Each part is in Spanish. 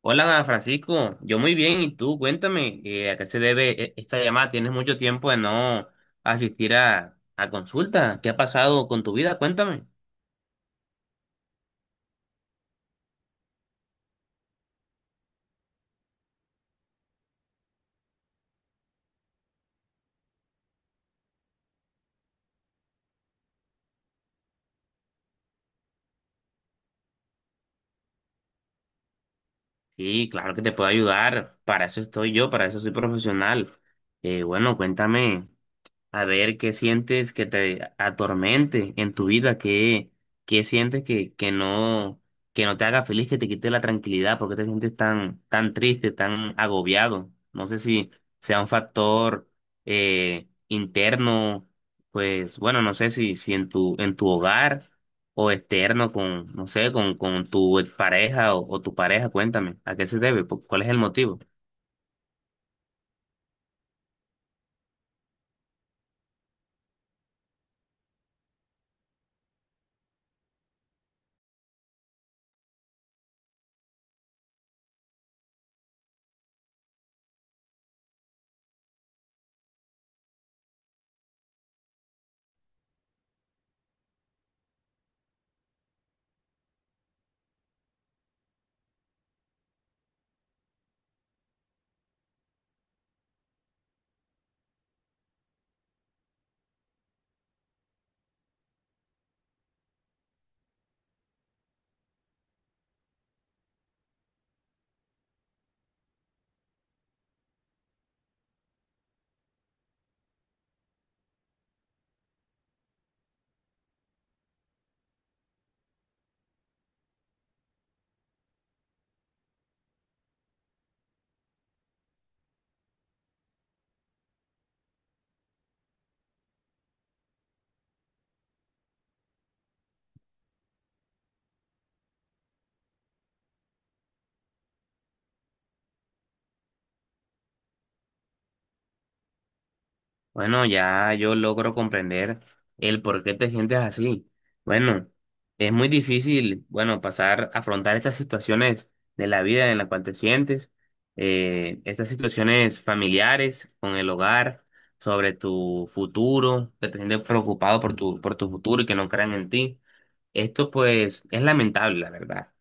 Hola Francisco, yo muy bien, ¿y tú? Cuéntame, ¿a qué se debe esta llamada? Tienes mucho tiempo de no asistir a consulta. ¿Qué ha pasado con tu vida? Cuéntame. Sí, claro que te puedo ayudar, para eso estoy yo, para eso soy profesional. Bueno, cuéntame. A ver, ¿qué sientes que te atormente en tu vida? ¿Qué, qué sientes que no te haga feliz, que te quite la tranquilidad? ¿Porque te sientes tan, tan triste, tan agobiado? No sé si sea un factor interno. Pues bueno, no sé si en tu hogar o externo con, no sé, con tu pareja o tu pareja. Cuéntame, ¿a qué se debe? Cuál es el motivo? Bueno, ya yo logro comprender el por qué te sientes así. Bueno, es muy difícil, bueno, pasar, afrontar estas situaciones de la vida en la cual te sientes, estas situaciones familiares con el hogar, sobre tu futuro, que te sientes preocupado por tu futuro y que no crean en ti. Esto pues es lamentable, la verdad.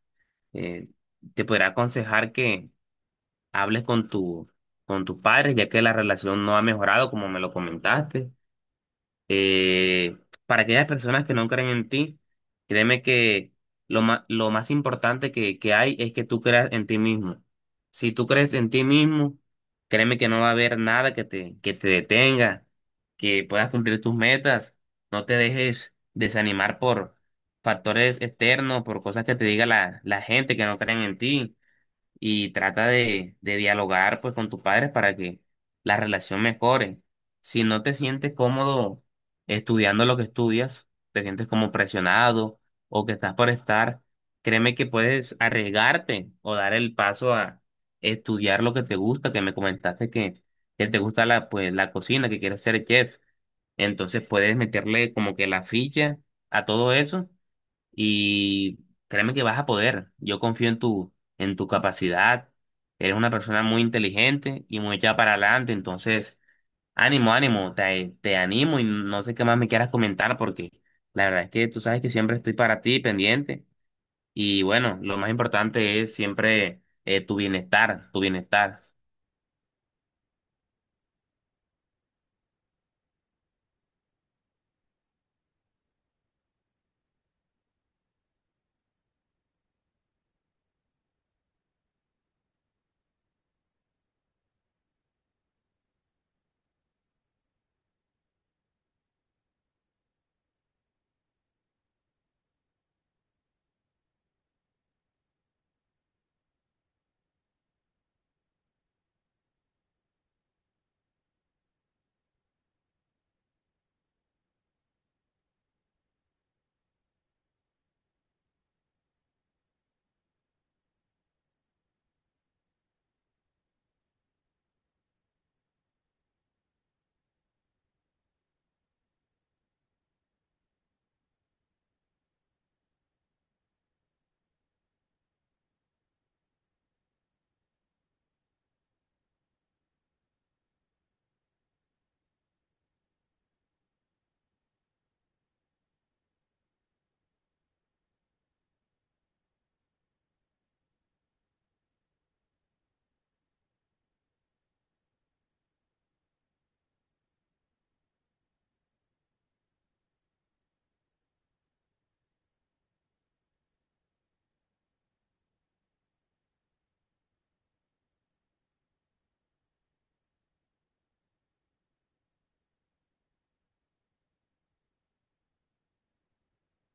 Eh, Te podría aconsejar que hables con con tus padres, ya que la relación no ha mejorado, como me lo comentaste. eh, para aquellas personas que no creen en ti, créeme que lo más importante que hay es que tú creas en ti mismo. Si tú crees en ti mismo, créeme que no va a haber nada que que te detenga, que puedas cumplir tus metas. No te dejes desanimar por factores externos, por cosas que te diga la gente que no creen en ti, y trata de dialogar pues con tus padres para que la relación mejore. Si no te sientes cómodo estudiando lo que estudias, te sientes como presionado o que estás por estar, créeme que puedes arriesgarte o dar el paso a estudiar lo que te gusta, que me comentaste que te gusta la, pues, la cocina, que quieres ser chef. Entonces puedes meterle como que la ficha a todo eso y créeme que vas a poder. Yo confío en en tu capacidad. Eres una persona muy inteligente y muy echada para adelante. Entonces, ánimo, ánimo. Te animo y no sé qué más me quieras comentar, porque la verdad es que tú sabes que siempre estoy para ti, pendiente. Y bueno, lo más importante es siempre tu bienestar, tu bienestar.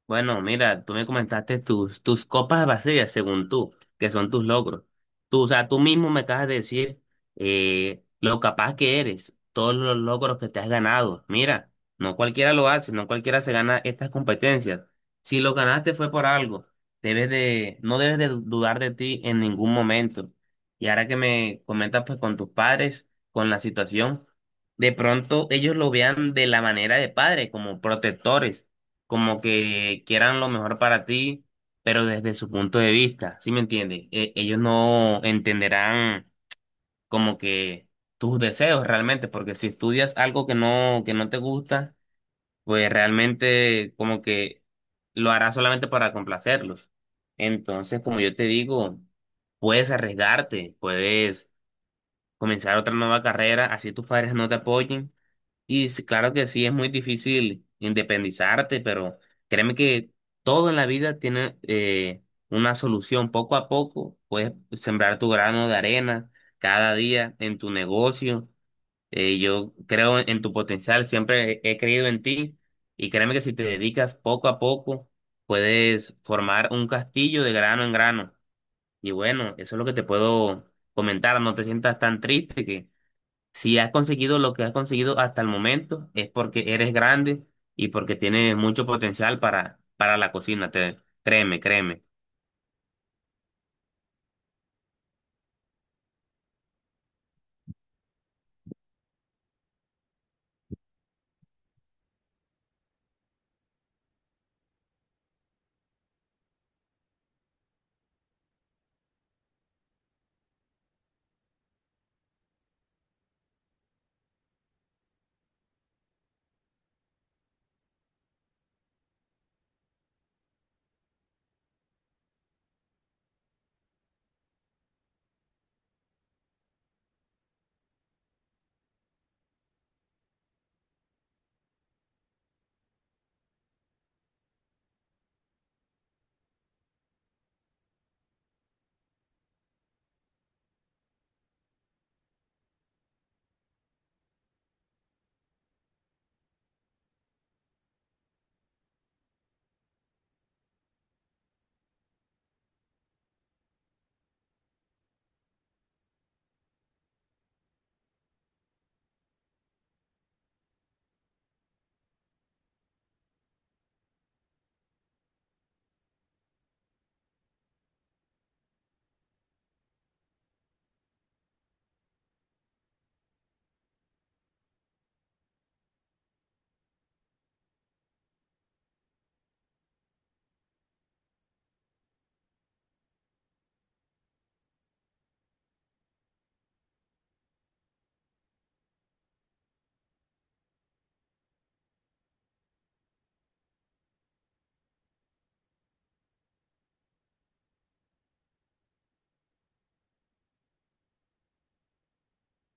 Bueno, mira, tú me comentaste tus copas vacías, según tú, que son tus logros. Tú, o sea, tú mismo me acabas de decir lo capaz que eres, todos los logros que te has ganado. Mira, no cualquiera lo hace, no cualquiera se gana estas competencias. Si lo ganaste fue por algo. Debes de, no debes de dudar de ti en ningún momento. Y ahora que me comentas pues con tus padres, con la situación, de pronto ellos lo vean de la manera de padre, como protectores, como que quieran lo mejor para ti, pero desde su punto de vista, ¿sí me entiendes? Ellos no entenderán como que tus deseos realmente, porque si estudias algo que no te gusta, pues realmente como que lo harás solamente para complacerlos. Entonces, como yo te digo, puedes arriesgarte, puedes comenzar otra nueva carrera, así tus padres no te apoyen, y sí, claro que sí, es muy difícil independizarte, pero créeme que todo en la vida tiene una solución. Poco a poco puedes sembrar tu grano de arena cada día en tu negocio. Yo creo en tu potencial, siempre he creído en ti, y créeme que si te dedicas poco a poco, puedes formar un castillo de grano en grano. Y bueno, eso es lo que te puedo comentar. No te sientas tan triste, si has conseguido lo que has conseguido hasta el momento, es porque eres grande y porque tienes mucho potencial para la cocina. Créeme, créeme.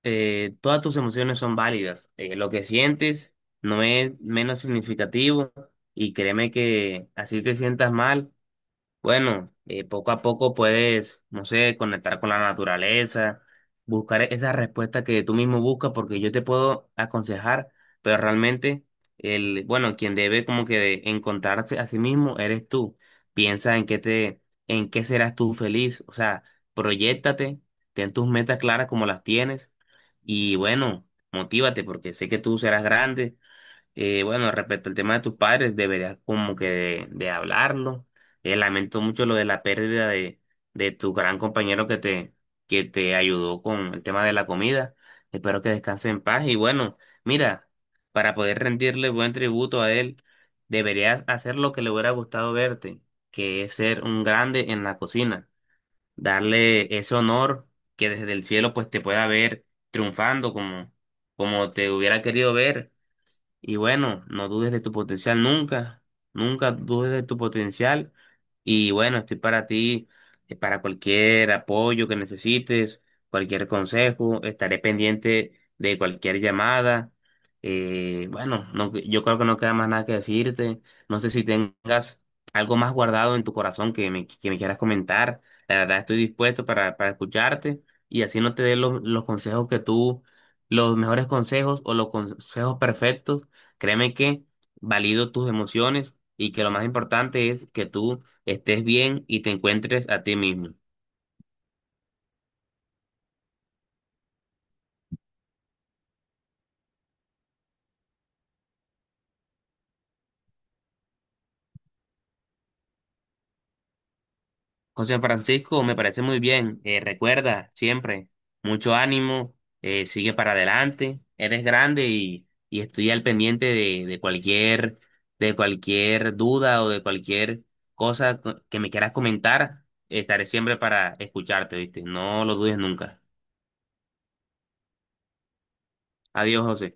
Todas tus emociones son válidas. Lo que sientes no es menos significativo, y créeme que así te sientas mal. Bueno, poco a poco puedes, no sé, conectar con la naturaleza, buscar esa respuesta que tú mismo buscas, porque yo te puedo aconsejar, pero realmente bueno, quien debe como que de encontrarte a sí mismo eres tú. Piensa en qué en qué serás tú feliz, o sea, proyéctate, ten tus metas claras como las tienes, y bueno, motívate porque sé que tú serás grande. Bueno, respecto al tema de tus padres, deberías como que de hablarlo. Lamento mucho lo de la pérdida de tu gran compañero que que te ayudó con el tema de la comida. Espero que descanse en paz. Y bueno, mira, para poder rendirle buen tributo a él, deberías hacer lo que le hubiera gustado verte, que es ser un grande en la cocina. Darle ese honor, que desde el cielo pues te pueda ver triunfando como, como te hubiera querido ver. Y bueno, no dudes de tu potencial nunca, nunca dudes de tu potencial. Y bueno, estoy para ti, para cualquier apoyo que necesites, cualquier consejo, estaré pendiente de cualquier llamada. Bueno, no, yo creo que no queda más nada que decirte. No sé si tengas algo más guardado en tu corazón que que me quieras comentar. La verdad, estoy dispuesto para escucharte, y así no te dé los consejos que tú, los mejores consejos o los consejos perfectos, créeme que valido tus emociones y que lo más importante es que tú estés bien y te encuentres a ti mismo. José Francisco, me parece muy bien. Recuerda siempre, mucho ánimo, sigue para adelante, eres grande, y estoy al pendiente de cualquier duda o de cualquier cosa que me quieras comentar. Estaré siempre para escucharte, ¿viste? No lo dudes nunca. Adiós, José.